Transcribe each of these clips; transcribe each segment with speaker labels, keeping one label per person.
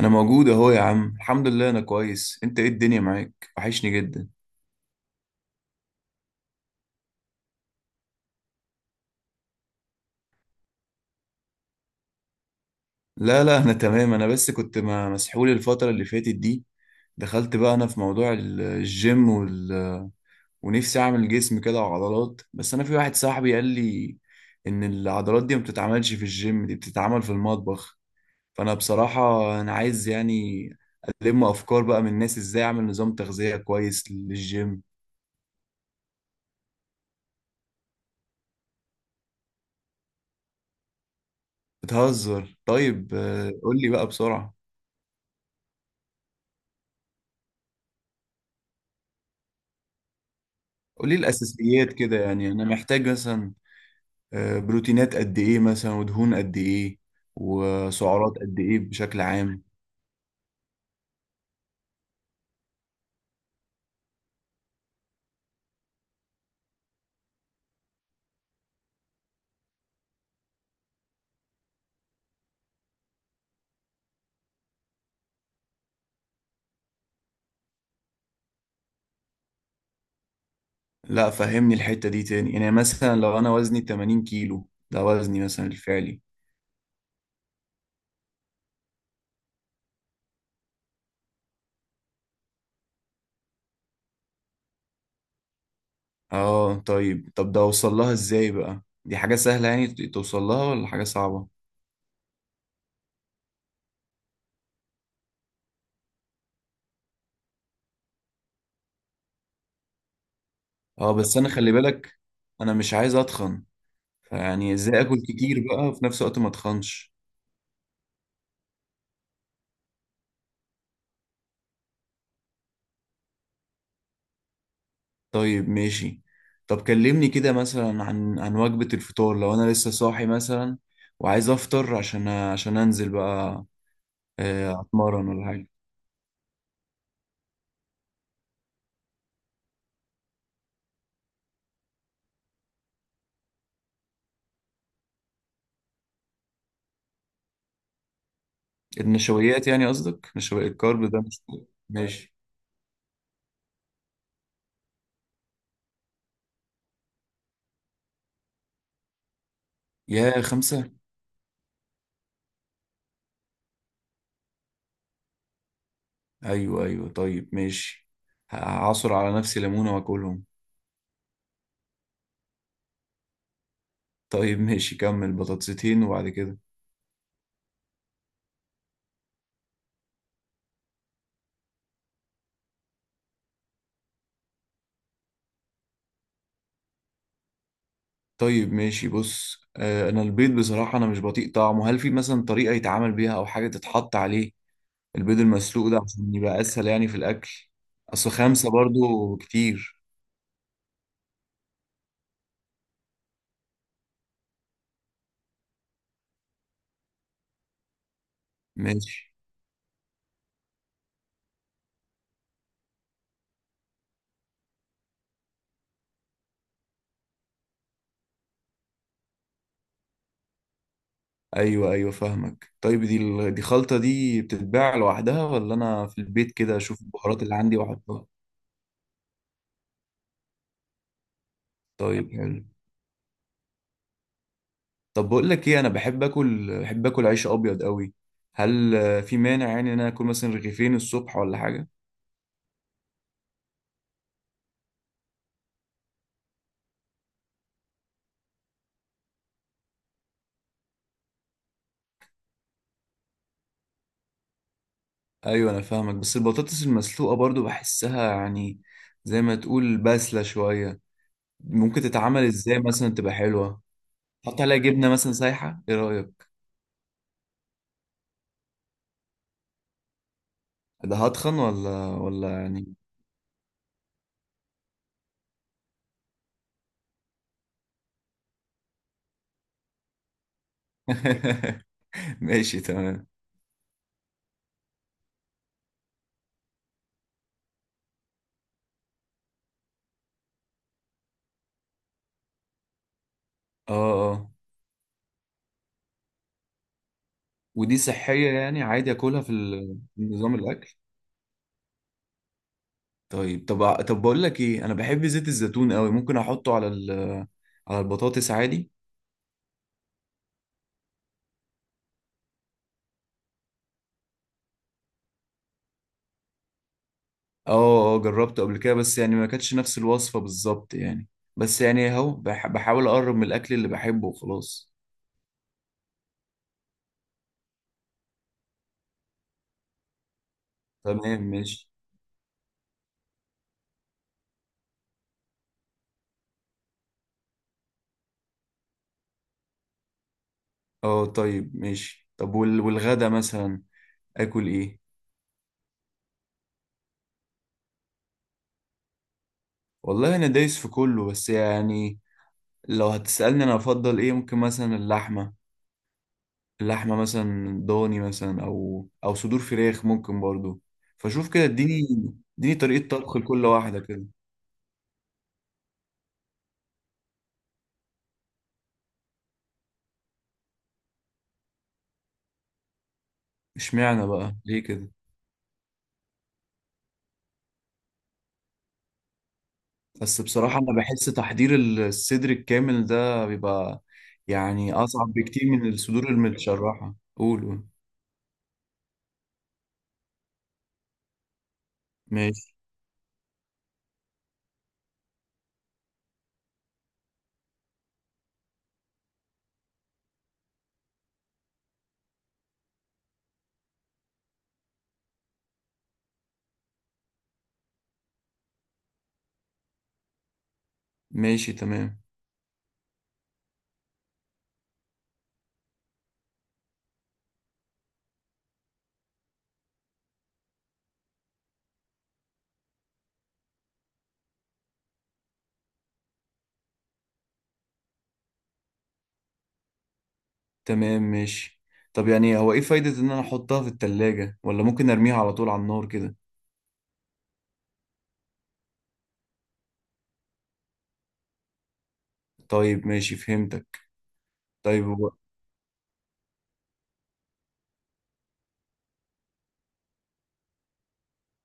Speaker 1: انا موجود اهو يا عم، الحمد لله انا كويس. انت ايه الدنيا معاك؟ وحشني جدا. لا لا، انا تمام. انا بس كنت مسحول الفترة اللي فاتت دي. دخلت بقى انا في موضوع الجيم ونفسي اعمل جسم كده وعضلات. بس انا في واحد صاحبي قال لي ان العضلات دي ما بتتعملش في الجيم، دي بتتعمل في المطبخ. فانا بصراحة انا عايز يعني الم افكار بقى من الناس، ازاي اعمل نظام تغذية كويس للجيم. بتهزر؟ طيب، قول لي بقى بسرعة. قولي الأساسيات كده، يعني أنا محتاج مثلا بروتينات قد إيه مثلا، ودهون قد إيه، وسعرات قد إيه بشكل عام. لا، فهمني الحتة دي تاني. يعني مثلا لو أنا وزني 80 كيلو، ده وزني مثلا الفعلي. آه طيب، ده أوصل لها إزاي بقى؟ دي حاجة سهلة يعني توصل لها ولا حاجة صعبة؟ آه، بس أنا خلي بالك، أنا مش عايز أتخن. فيعني إزاي آكل كتير بقى وفي نفس الوقت ما أتخنش؟ طيب ماشي. طب كلمني كده مثلا عن وجبة الفطار، لو انا لسه صاحي مثلا وعايز افطر عشان انزل بقى. اتمرن ولا حاجة. النشويات، يعني قصدك نشويات الكارب ده، مش؟ ماشي. يا خمسة؟ ايوه، ايوه، طيب ماشي. هعصر على نفسي ليمونة واكلهم. طيب ماشي، كمل. بطاطستين وبعد كده؟ طيب ماشي، بص. انا البيض بصراحة انا مش بطيق طعمه. هل في مثلا طريقة يتعامل بيها او حاجة تتحط عليه، البيض المسلوق ده، عشان يبقى اسهل يعني في الاكل؟ اصل خمسة برضو كتير. ماشي. ايوه، ايوه، فاهمك. طيب دي دي خلطة دي بتتباع لوحدها ولا انا في البيت كده اشوف البهارات اللي عندي واحطها؟ طيب حلو. طب بقول لك ايه، انا بحب اكل عيش ابيض قوي. هل في مانع يعني ان انا اكل مثلا رغيفين الصبح ولا حاجة؟ ايوه، انا فاهمك. بس البطاطس المسلوقة برضو بحسها، يعني زي ما تقول باسلة شوية. ممكن تتعمل ازاي مثلا تبقى حلوة؟ حط عليها جبنة مثلا سايحة، ايه رأيك؟ ده هتخن ولا يعني؟ ماشي تمام. اه، اه. ودي صحية يعني عادي اكلها في نظام الاكل؟ طيب. طب بقول لك ايه، انا بحب زيت الزيتون قوي. ممكن احطه على البطاطس عادي؟ اه، اه، جربته قبل كده. بس يعني ما كانتش نفس الوصفة بالظبط يعني. بس يعني اهو بحاول اقرب من الاكل اللي بحبه وخلاص. تمام ماشي. اه طيب ماشي. طب والغدا مثلا اكل ايه؟ والله انا دايس في كله. بس يعني لو هتسألني انا افضل ايه، ممكن مثلا اللحمة مثلا ضاني مثلا او صدور فراخ ممكن برضو. فشوف كده، اديني طريقة طبخ لكل واحدة كده. اشمعنى بقى ليه كده؟ بس بصراحة انا بحس تحضير الصدر الكامل ده بيبقى يعني اصعب بكتير من الصدور المتشرحة، قولوا. ماشي. ماشي تمام. تمام ماشي. طب يعني هو ايه فايدة ان انا احطها في التلاجة، ولا ممكن ارميها على طول على النار كده؟ طيب ماشي، فهمتك. طيب هو.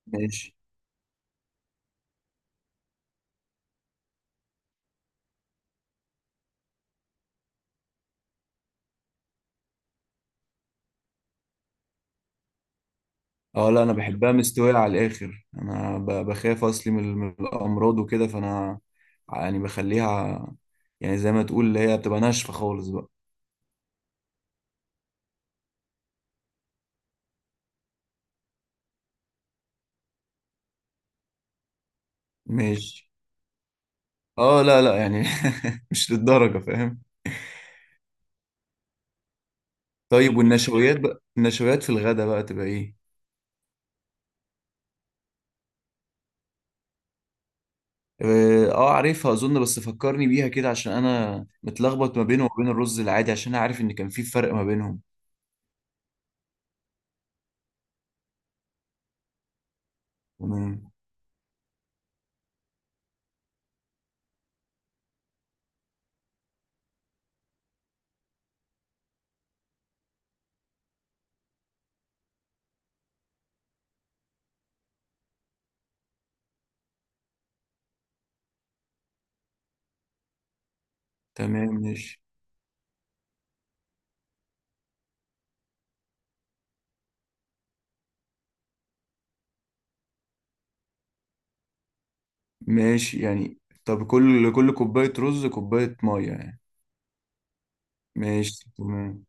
Speaker 1: ماشي. اه لا، انا بحبها مستوية على الاخر. انا بخاف اصلي من الامراض وكده، فانا يعني بخليها، يعني زي ما تقول اللي هي بتبقى ناشفة خالص بقى. ماشي. اه لا، لا، يعني مش للدرجة، فاهم. طيب والنشويات بقى، النشويات في الغدا بقى تبقى ايه؟ اه، عارفها اظن. بس فكرني بيها كده عشان انا متلخبط ما بينه وما بين الرز العادي، عشان انا عارف ان كان في فرق ما بينهم. تمام. تمام ماشي، ماشي يعني. طب كل كوباية رز كوباية مية يعني؟ ماشي تمام.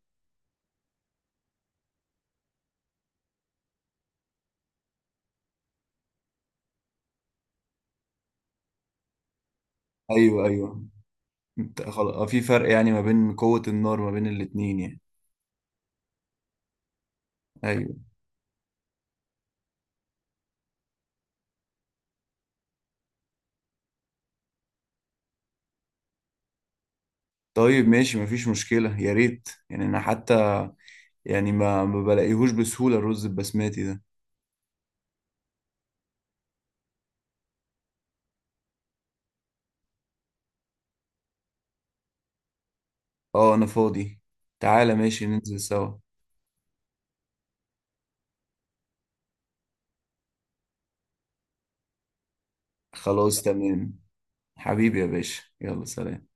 Speaker 1: أيوه، أيوه، انت خلاص؟ في فرق يعني ما بين قوة النار، ما بين الاتنين يعني؟ أيوه. طيب ماشي، مفيش مشكلة. يا ريت يعني، أنا حتى يعني ما بلاقيهوش بسهولة الرز البسماتي ده. أه، أنا فاضي. تعالى، ماشي ننزل سوا. خلاص تمام. حبيبي يا باشا، يلا سلام.